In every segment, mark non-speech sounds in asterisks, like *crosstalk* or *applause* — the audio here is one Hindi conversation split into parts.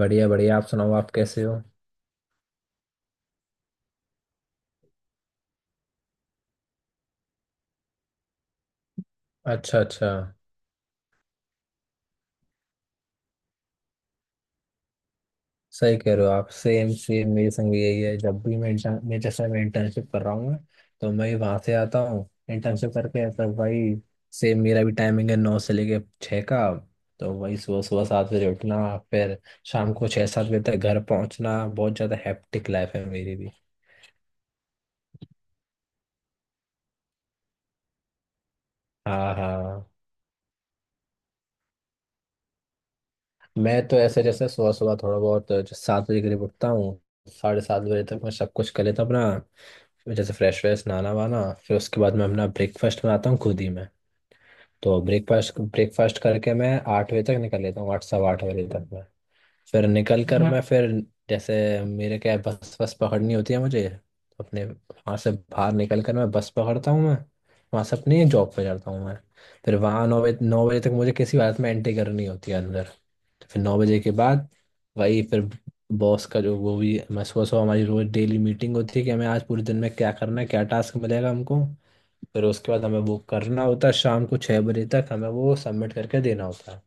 बढ़िया बढ़िया। आप सुनाओ, आप कैसे हो? अच्छा अच्छा। सही कह रहे हो आप। सेम सेम मेरे संग भी यही है। जब भी मैं इंटर्न मैं जैसे मैं इंटर्नशिप कर रहा हूँ, तो मैं वहां से आता हूँ इंटर्नशिप करके, तो भाई सेम मेरा भी टाइमिंग है, 9 से लेके 6 का। तो वही सुबह सुबह 7 बजे उठना, फिर शाम को 6-7 बजे तक घर पहुंचना। बहुत ज़्यादा हैप्टिक लाइफ है मेरी भी। हाँ हाँ, मैं तो ऐसे जैसे सुबह सुबह थोड़ा बहुत जो 7 बजे करीब उठता हूँ, साढ़े 7 बजे तक मैं सब कुछ कर लेता हूँ अपना। मैं जैसे फ्रेश व्रेश, नहाना वाना। फिर उसके बाद मैं अपना ब्रेकफास्ट बनाता हूँ खुद ही मैं। तो ब्रेकफास्ट ब्रेकफास्ट करके मैं 8 बजे तक निकल लेता हूँ, 8 सवा 8 बजे तक मैं। फिर निकल कर हम्म, मैं फिर जैसे मेरे क्या है, बस बस पकड़नी होती है मुझे। तो अपने वहाँ से बाहर निकल कर मैं बस पकड़ता हूँ मैं, वहाँ से अपनी जॉब पे जाता हूँ मैं। फिर वहाँ 9 बजे 9 बजे तक मुझे किसी हालत में एंट्री करनी होती है अंदर। तो फिर 9 बजे के बाद वही फिर बॉस का जो वो भी, मैं सुबह सुबह हमारी रोज डेली मीटिंग होती है कि हमें आज पूरे दिन में क्या करना है, क्या टास्क मिलेगा हमको। फिर उसके बाद हमें वो करना होता है, शाम को 6 बजे तक हमें वो सबमिट करके देना होता है।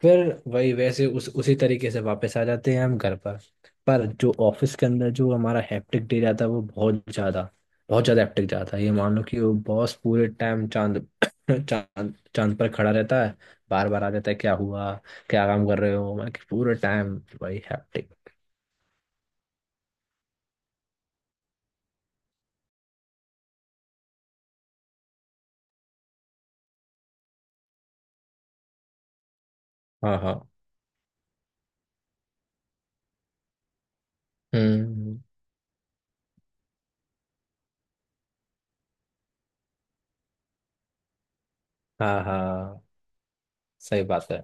फिर वही वैसे उस उसी तरीके से वापस आ जाते हैं हम घर पर। पर जो ऑफिस के अंदर जो हमारा हैप्टिक डे जाता है, वो बहुत ज्यादा, बहुत ज्यादा हैप्टिक जाता है। ये मान लो कि वो बॉस पूरे टाइम चांद *coughs* चांद चांद पर खड़ा रहता है। बार बार आ जाता है, क्या हुआ, क्या काम कर रहे हो, मैं कि पूरे टाइम वही हैप्टिक। हाँ हाँ। हम्म। हाँ हाँ, सही बात है।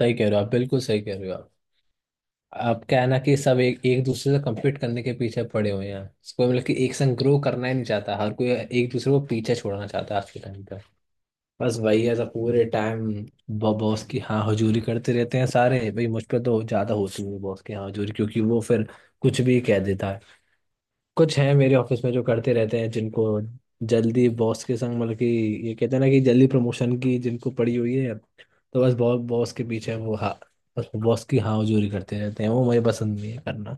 सही कह रहे हो आप, बिल्कुल सही कह रहे हो आप। अब क्या है ना कि सब एक एक दूसरे से कम्पीट करने के पीछे पड़े हुए हैं। कोई मतलब कि एक संग ग्रो करना ही नहीं चाहता, हर कोई एक दूसरे को पीछे छोड़ना चाहता है आज के टाइम पे। बस वही है, सब पूरे टाइम बॉस की हाँ हजूरी करते रहते हैं सारे। भाई, मुझ पे तो ज्यादा होती है बॉस की हाँ हजूरी, क्योंकि वो फिर कुछ भी कह देता है। कुछ हैं मेरे ऑफिस में जो करते रहते हैं, जिनको जल्दी बॉस के संग मतलब कि, ये कहते हैं ना कि जल्दी प्रमोशन की जिनको पड़ी हुई है, तो बस बॉस बॉस के पीछे वो हाँ, बस बॉस की हाँ हजूरी करते रहते हैं। वो मुझे पसंद नहीं है करना,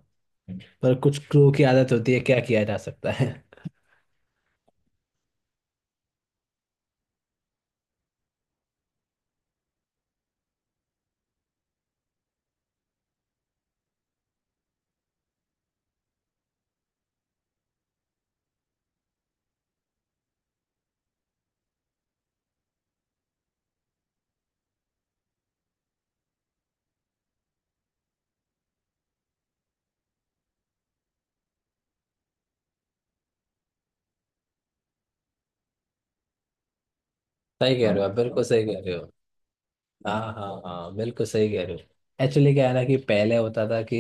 पर कुछ क्रू की आदत होती है, क्या किया जा सकता है। *laughs* सही कह रहे हो आप, बिल्कुल सही कह रहे हो। हाँ हाँ हाँ, बिल्कुल सही कह रहे हो। एक्चुअली क्या है ना कि पहले होता था कि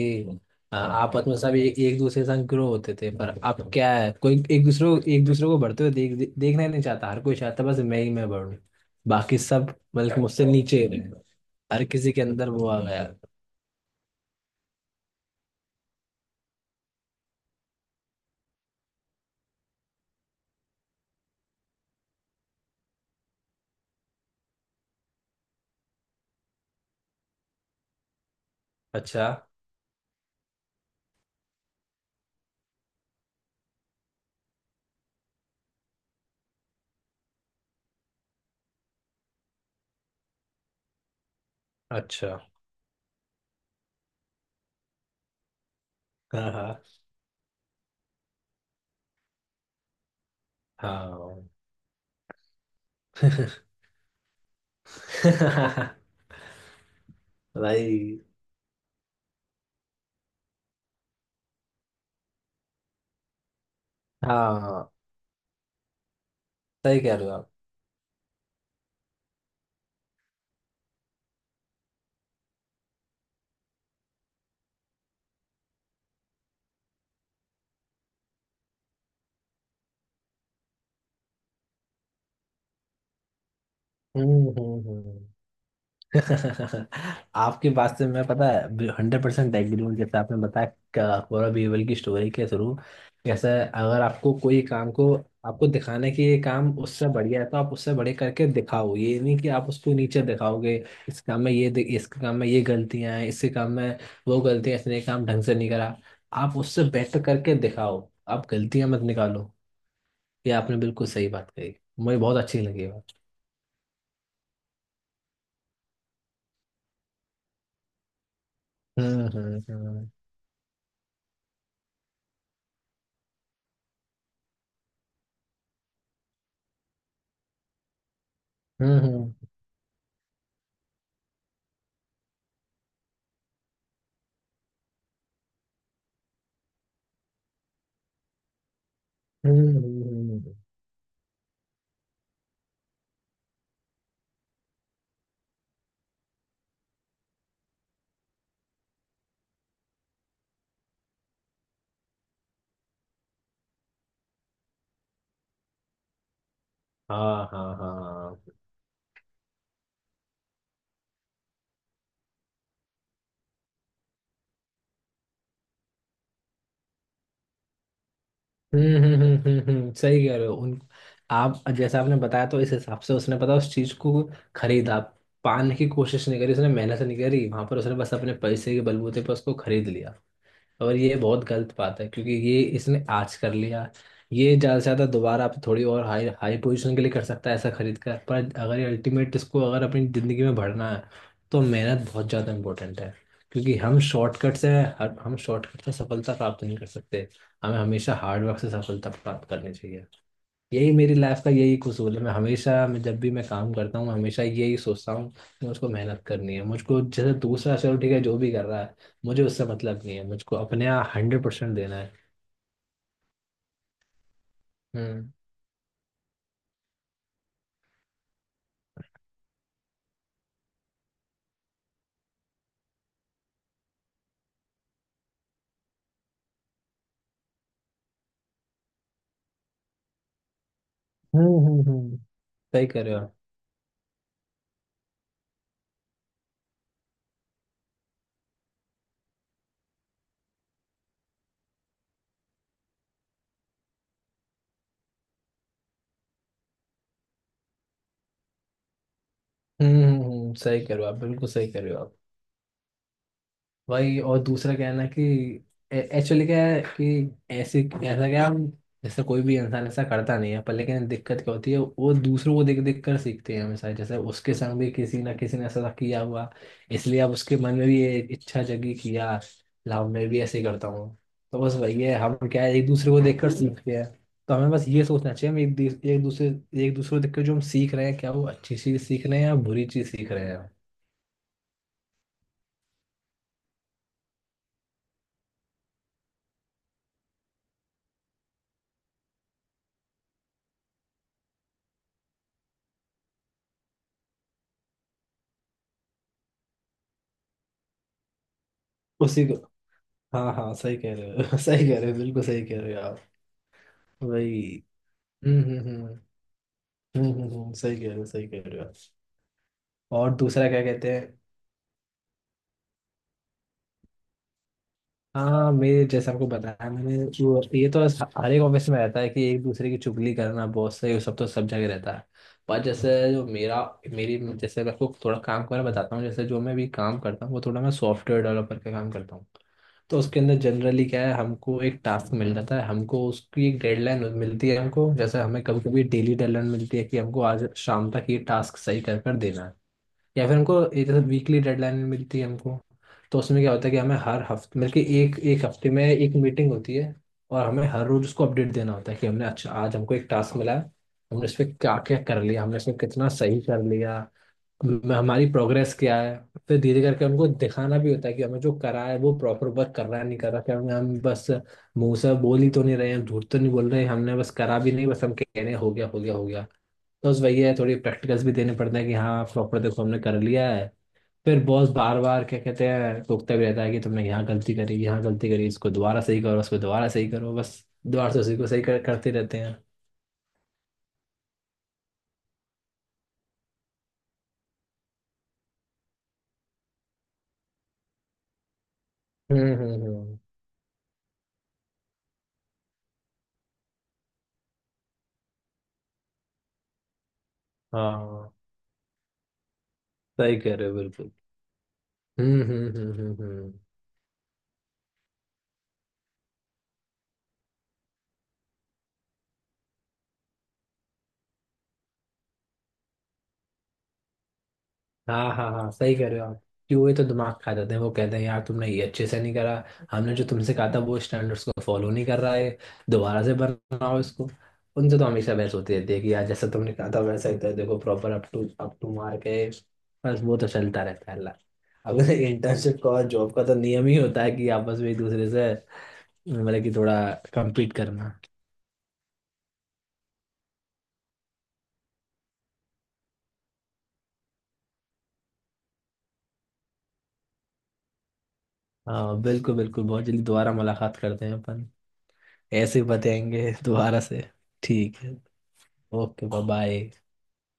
आपस में सब एक एक दूसरे के साथ ग्रो होते थे। पर अब क्या है, कोई एक दूसरे को बढ़ते हुए देखना ही नहीं चाहता। हर कोई चाहता है बस मैं ही मैं बढ़ूं, बाकी सब बल्कि मुझसे नीचे ही रहे। हर किसी के अंदर वो आ गया। अच्छा अच्छा। हाँ हाँ हाँ। *laughs* भाई। हाँ। सही कह रहे हो आप। हम्म। *laughs* आपकी बात से मैं पता है 100% एग्री हूँ। जैसे आपने बताया, पूरा बीरबल की स्टोरी के थ्रू, जैसे अगर आपको कोई काम को आपको दिखाने की ये काम उससे बढ़िया है, तो आप उससे बड़े करके दिखाओ। ये नहीं कि आप उसको नीचे दिखाओगे, इस काम में ये इस काम में ये गलतियां हैं, इसके काम में वो गलतियां, इसने ये काम ढंग से नहीं करा। आप उससे बेटर करके दिखाओ, आप गलतियां मत निकालो। ये आपने बिल्कुल सही बात कही, मुझे बहुत अच्छी लगी ये बात। हम्म हम्म हम्म हम्म हम्म हम्म हम्म, हम्म, हम्म। हाँ हाँ हाँ। सही कह रहे हो। उन, आप जैसा आपने बताया, तो इस हिसाब से उसने पता उस चीज को खरीदा, पाने की कोशिश नहीं करी उसने, मेहनत नहीं करी वहां पर उसने, बस अपने पैसे के बलबूते पर उसको खरीद लिया। और ये बहुत गलत बात है, क्योंकि ये इसने आज कर लिया, ये ज्यादा से ज्यादा दोबारा आप थोड़ी और हाई हाई पोजीशन के लिए कर सकता है ऐसा खरीद कर, पर अगर ये अल्टीमेट इसको अगर अपनी जिंदगी में भरना है, तो मेहनत बहुत ज्यादा इंपॉर्टेंट है। क्योंकि हम शॉर्टकट से, हम शॉर्टकट से सफलता प्राप्त नहीं कर सकते। हमें हमेशा हार्डवर्क से सफलता प्राप्त करनी चाहिए। यही मेरी लाइफ का यही कसूल है। मैं हमेशा, मैं जब भी मैं काम करता हूँ, हमेशा यही सोचता हूँ कि मुझको मेहनत करनी है। मुझको जैसे दूसरा चलो ठीक है जो भी कर रहा है, मुझे उससे मतलब नहीं है, मुझको अपने यहाँ 100% देना है। हम्म हम्म हम्म हम्म, सही कर रहे हो आप। सही कर रहे हो आप, बिल्कुल सही कर रहे हो आप। वही। और दूसरा क्या है ना कि, एक्चुअली क्या है कि ऐसे ऐसा क्या हम, जैसे कोई भी इंसान ऐसा करता नहीं है, पर लेकिन दिक्कत क्या होती है, वो दूसरों को देख देख कर सीखते हैं हमेशा। जैसे उसके संग भी किसी ना किसी ने ऐसा किया हुआ, इसलिए अब उसके मन में भी ये इच्छा जगी कि यार, लाओ मैं भी ऐसे ही करता हूँ। तो बस वही है, हम क्या है, एक दूसरे को देख कर सीखते हैं। तो हमें बस ये सोचना चाहिए, हम एक एक दूसरे, एक दूसरे को देख कर जो हम सीख रहे हैं, क्या वो अच्छी चीज़ सीख रहे हैं या बुरी चीज़ सीख रहे हैं। उसी। हाँ हाँ, सही कह रहे हो। *laughs* सही कह रहे हो, बिल्कुल सही कह रहे हो आप। वही। हम्म। सही कह रहे हो, सही कह रहे हो। और दूसरा क्या कहते हैं, हाँ मेरे जैसे आपको बताया मैंने, वो ये तो हर एक ऑफिस में रहता है कि एक दूसरे की चुगली करना बॉस से, ये सब तो सब जगह रहता है। पर जैसे जो मेरा, मेरी जैसे मैं आपको थोड़ा काम के बारे में बताता हूँ, जैसे जो मैं भी काम करता हूँ, वो थोड़ा मैं सॉफ्टवेयर डेवलपर का काम करता हूँ। तो उसके अंदर जनरली क्या है, हमको एक टास्क मिल जाता है, हमको उसकी एक डेडलाइन मिलती है हमको। जैसे हमें कभी कभी डेली डेडलाइन मिलती है कि हमको आज शाम तक ये टास्क सही कर कर देना है, या फिर हमको एक जैसे वीकली डेडलाइन मिलती है हमको। तो उसमें क्या होता है कि हमें हर हफ्ते, बल्कि एक एक हफ्ते में एक मीटिंग होती है, और हमें हर रोज उसको अपडेट देना होता है कि हमने अच्छा आज हमको एक टास्क मिला है, हमने इस पे क्या क्या कर लिया, हमने इसमें कितना सही कर लिया, हमारी प्रोग्रेस क्या है। फिर धीरे करके हमको दिखाना भी होता है कि हमें जो करा है वो प्रॉपर वर्क कर रहा है नहीं कर रहा, हम बस मुंह से बोल ही तो नहीं रहे हैं, झूठ तो नहीं बोल रहे, हमने बस करा भी नहीं, बस हम कह रहे हैं हो गया हो गया हो गया। तो बस वही है, थोड़ी प्रैक्टिकल्स भी देने पड़ते हैं कि हाँ प्रॉपर देखो हमने कर लिया है। फिर बॉस बार बार क्या कहते हैं, टोकता भी रहता है कि तुमने यहाँ गलती करी, यहाँ गलती करी, इसको दोबारा सही करो, उसको दोबारा सही करो, बस दोबारा से उसी को करते रहते हैं। हम्म। हाँ, सही कह रहे हो बिल्कुल। हम्म हम्म हम्म हम्म हम्म। हाँ हाँ हाँ, सही कह रहे हो आप। कि वो ही तो दिमाग खा जाते हैं, वो कहते हैं यार तुमने ये अच्छे से नहीं करा, हमने जो तुमसे कहा था वो स्टैंडर्ड्स को फॉलो नहीं कर रहा है, दोबारा से बनाओ इसको। उनसे तो हमेशा बहस होती रहती है कि यार जैसा तुमने कहा था वैसा ही तो है, देखो प्रॉपर अप टू मार्क है। बस वो तो चलता रहता है, अल्लाह। अब *laughs* इंटर्नशिप का और जॉब का तो नियम ही होता है कि आपस में एक दूसरे से मतलब कि थोड़ा कम्पीट करना। हाँ बिल्कुल बिल्कुल, बहुत जल्दी दोबारा मुलाकात करते हैं अपन। ऐसे ही बताएंगे दोबारा से। ठीक है। Okay bye bye.